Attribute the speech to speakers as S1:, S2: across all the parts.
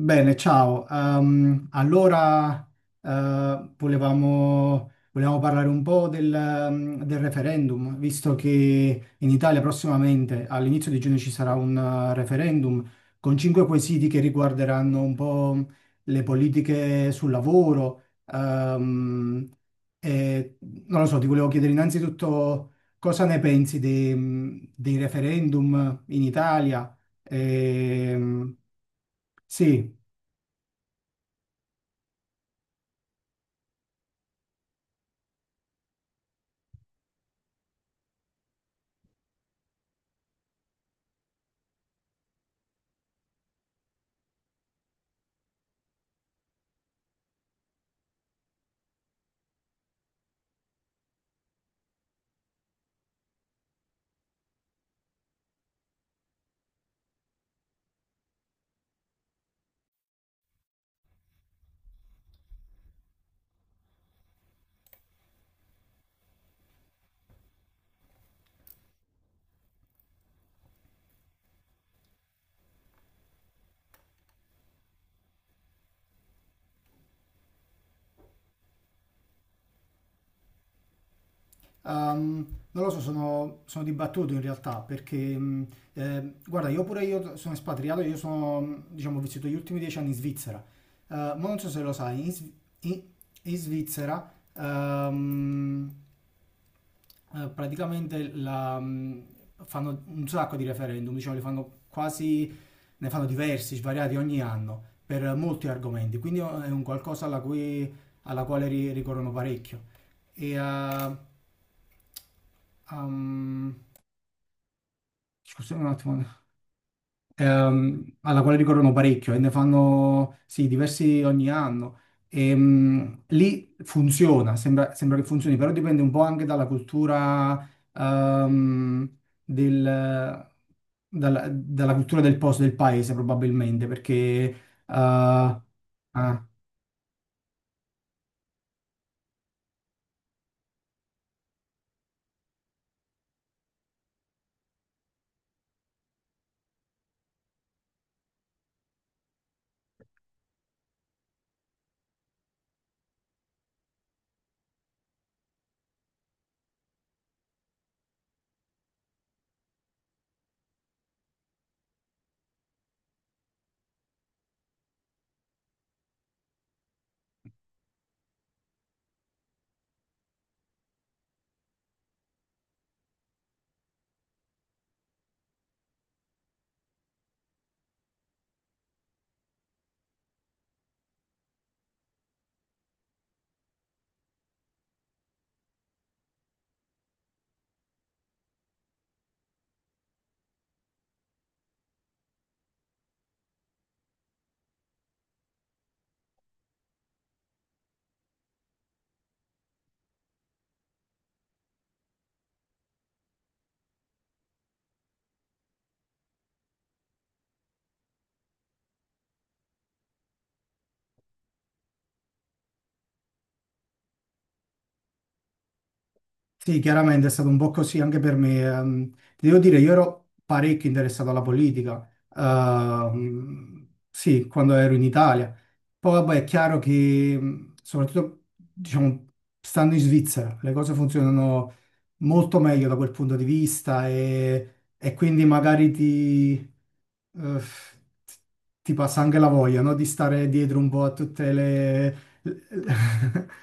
S1: Bene, ciao. Allora, volevamo parlare un po' del referendum, visto che in Italia prossimamente, all'inizio di giugno, ci sarà un referendum con cinque quesiti che riguarderanno un po' le politiche sul lavoro. E, non lo so, ti volevo chiedere innanzitutto cosa ne pensi dei referendum in Italia. Ehm, sì. Ehm, Non lo so, sono dibattuto in realtà perché, guarda, io pure io sono espatriato, diciamo, ho vissuto gli ultimi 10 anni in Svizzera. Ma non so se lo sai, in- in Svizzera ehm, praticamente fanno un sacco di referendum, diciamo, ne fanno diversi, svariati ogni anno per molti argomenti, quindi è un qualcosa alla quale ricorrono parecchio e a... Um, scusate un attimo, alla quale ricorrono parecchio e ne fanno sì, diversi ogni anno. Lì funziona, sembra che funzioni, però dipende un po' anche dalla cultura, ehm, del, dalla cultura del posto, del paese probabilmente, perché. eh, ah, Sì, chiaramente è stato un po' così anche per me. Ti devo dire, io ero parecchio interessato alla politica, sì, quando ero in Italia. Poi, vabbè, è chiaro che, soprattutto, diciamo, stando in Svizzera, le cose funzionano molto meglio da quel punto di vista e quindi magari eh, ti passa anche la voglia, no? Di stare dietro un po' a tutte le.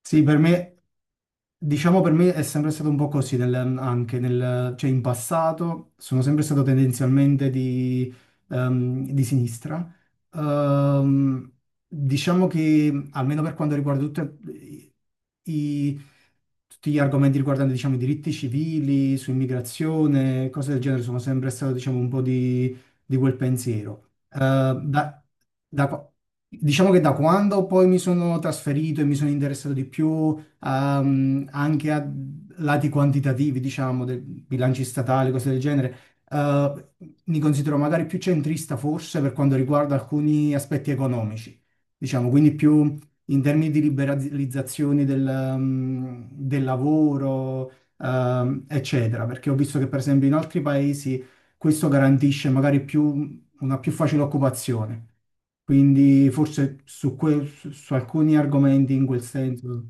S1: Sì, per me. Diciamo per me è sempre stato un po' così, cioè in passato sono sempre stato tendenzialmente di sinistra. Ehm, diciamo che almeno per quanto riguarda i- tutti gli argomenti riguardanti diciamo, i diritti civili, su immigrazione, cose del genere, sono sempre stato diciamo, un po' di quel pensiero. Da qua- diciamo che da quando poi mi sono trasferito e mi sono interessato di più anche a lati quantitativi, diciamo, dei bilanci statali, cose del genere. eh, Mi considero magari più centrista forse per quanto riguarda alcuni aspetti economici, diciamo, quindi più in termini di liberalizzazione del lavoro, eccetera, perché ho visto che per esempio in altri paesi questo garantisce magari più, una più facile occupazione. Quindi forse su alcuni argomenti in quel senso.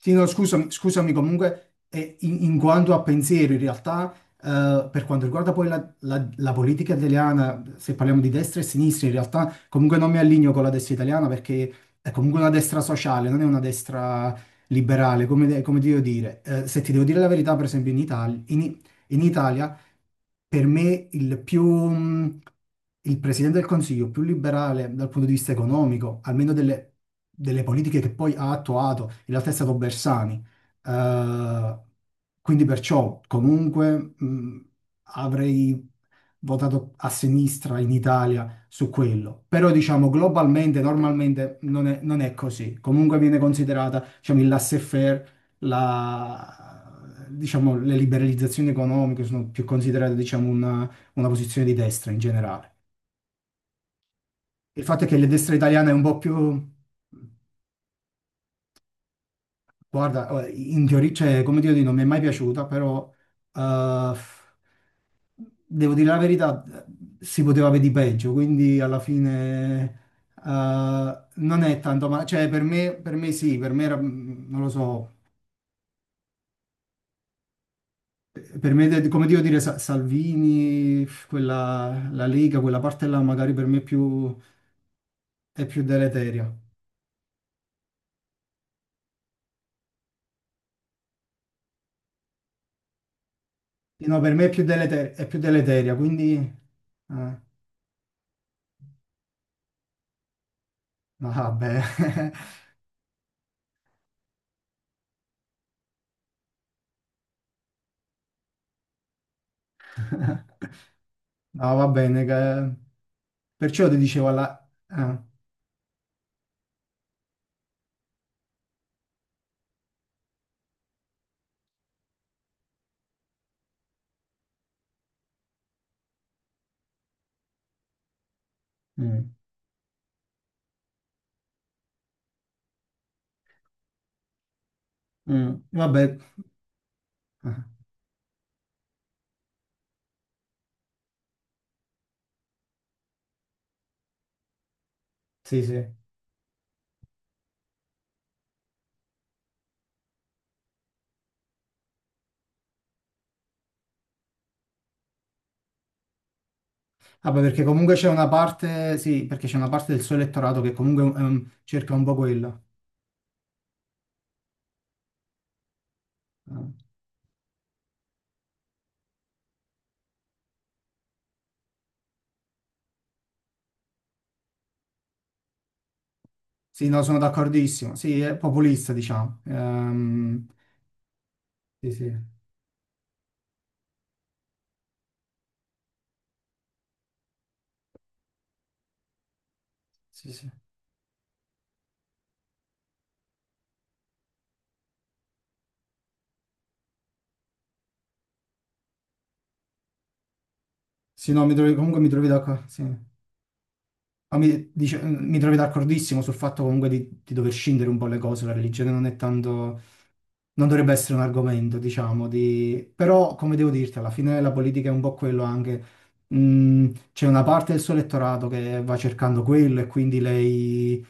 S1: Sì, no, scusami, comunque in in quanto a pensiero, in realtà per quanto riguarda poi la politica italiana, se parliamo di destra e sinistra, in realtà comunque non mi allineo con la destra italiana perché è comunque una destra sociale, non è una destra liberale, come ti devo dire. Se ti devo dire la verità, per esempio in Italia per me il presidente del Consiglio più liberale dal punto di vista economico, almeno delle politiche che poi ha attuato, in realtà è stato Bersani. Eh, quindi perciò comunque avrei votato a sinistra in Italia su quello. Però diciamo globalmente, normalmente non è così. Comunque viene considerata, diciamo, il laissez-faire, diciamo, le liberalizzazioni economiche sono più considerate, diciamo, una posizione di destra in generale. Il fatto è che la destra italiana è un po' più. Guarda, in teoria, cioè, come dire, non mi è mai piaciuta, però eh, devo dire la verità, si poteva vedere peggio, quindi alla fine eh, non è tanto male. Cioè, per me sì, per me era, non lo so, come devo dire, Salvini, quella, la Lega, quella parte là magari per me è più deleteria. No, per me è più deleteria, quindi. eh. No, vabbè, no, va bene. Perciò ti dicevo alla. Mm, Vabbè, ah, sì, sì. Vabbè, perché comunque c'è una parte, sì, perché c'è una parte del suo elettorato che comunque cerca un po' quello. Ah, sì, no, sono d'accordissimo. Sì, è populista, diciamo. Sì, sì, sì, sì. Sì, no, comunque mi trovi d'accordo, sì. Ma mi trovi d'accordissimo sul fatto comunque di dover scindere un po' le cose. La religione non è tanto. Non dovrebbe essere un argomento, diciamo, di. Però come devo dirti, alla fine la politica è un po' quello anche. C'è una parte del suo elettorato che va cercando quello e quindi lei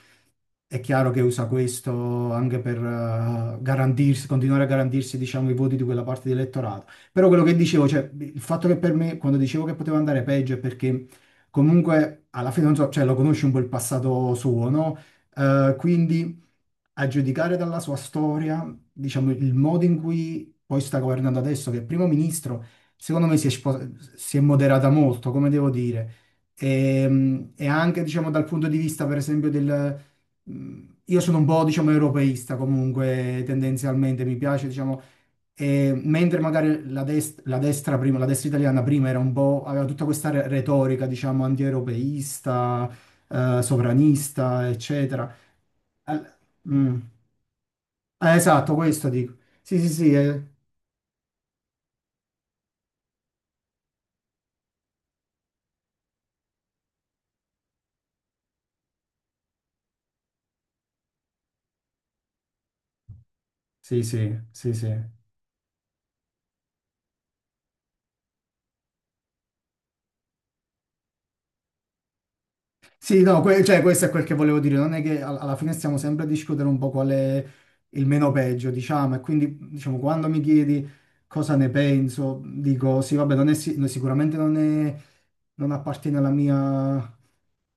S1: è chiaro che usa questo anche per garantirsi, continuare a garantirsi, diciamo, i voti di quella parte di elettorato. Però quello che dicevo, cioè, il fatto che per me, quando dicevo che poteva andare peggio è perché comunque alla fine, non so, cioè, lo conosci un po' il passato suo, no? Quindi a giudicare dalla sua storia, diciamo, il modo in cui poi sta governando adesso, che è primo ministro, secondo me si è moderata molto, come devo dire. E anche, diciamo, dal punto di vista, per esempio, del. Io sono un po', diciamo, europeista comunque, tendenzialmente, mi piace, diciamo, e mentre magari la destra prima, la destra italiana prima era un po', aveva tutta questa retorica, diciamo, anti-europeista, sovranista, eccetera. Al- Mm. Esatto, questo dico. Sì, sì, sì, eh. Sì, sì, sì, sì. Sì, no, cioè, questo è quel che volevo dire. Non è che alla fine stiamo sempre a discutere un po' qual è il meno peggio, diciamo. E quindi, diciamo, quando mi chiedi cosa ne penso, dico sì, vabbè, non è no, sicuramente non è. Non appartiene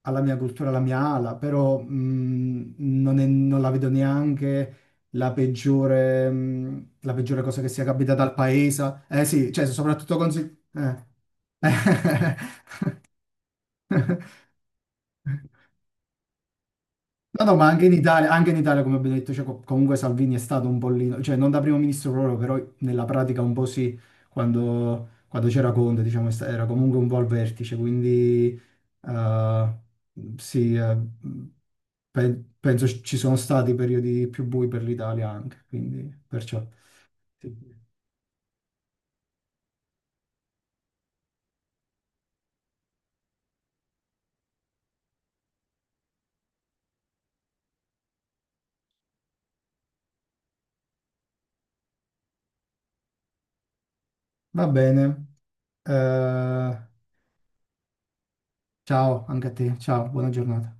S1: alla mia cultura, alla mia ala, però non la vedo neanche la peggiore cosa che sia capitata al paese. Eh sì, cioè soprattutto. No, no, ma anche in Italia, come abbiamo detto, cioè, comunque Salvini è stato un pollino, cioè non da primo ministro proprio, però nella pratica un po' sì, quando c'era Conte, diciamo, era comunque un po' al vertice, quindi. Eh, sì, penso ci sono stati periodi più bui per l'Italia anche, quindi perciò. Sì. Va bene. Eh, Ciao anche a te, ciao, buona giornata.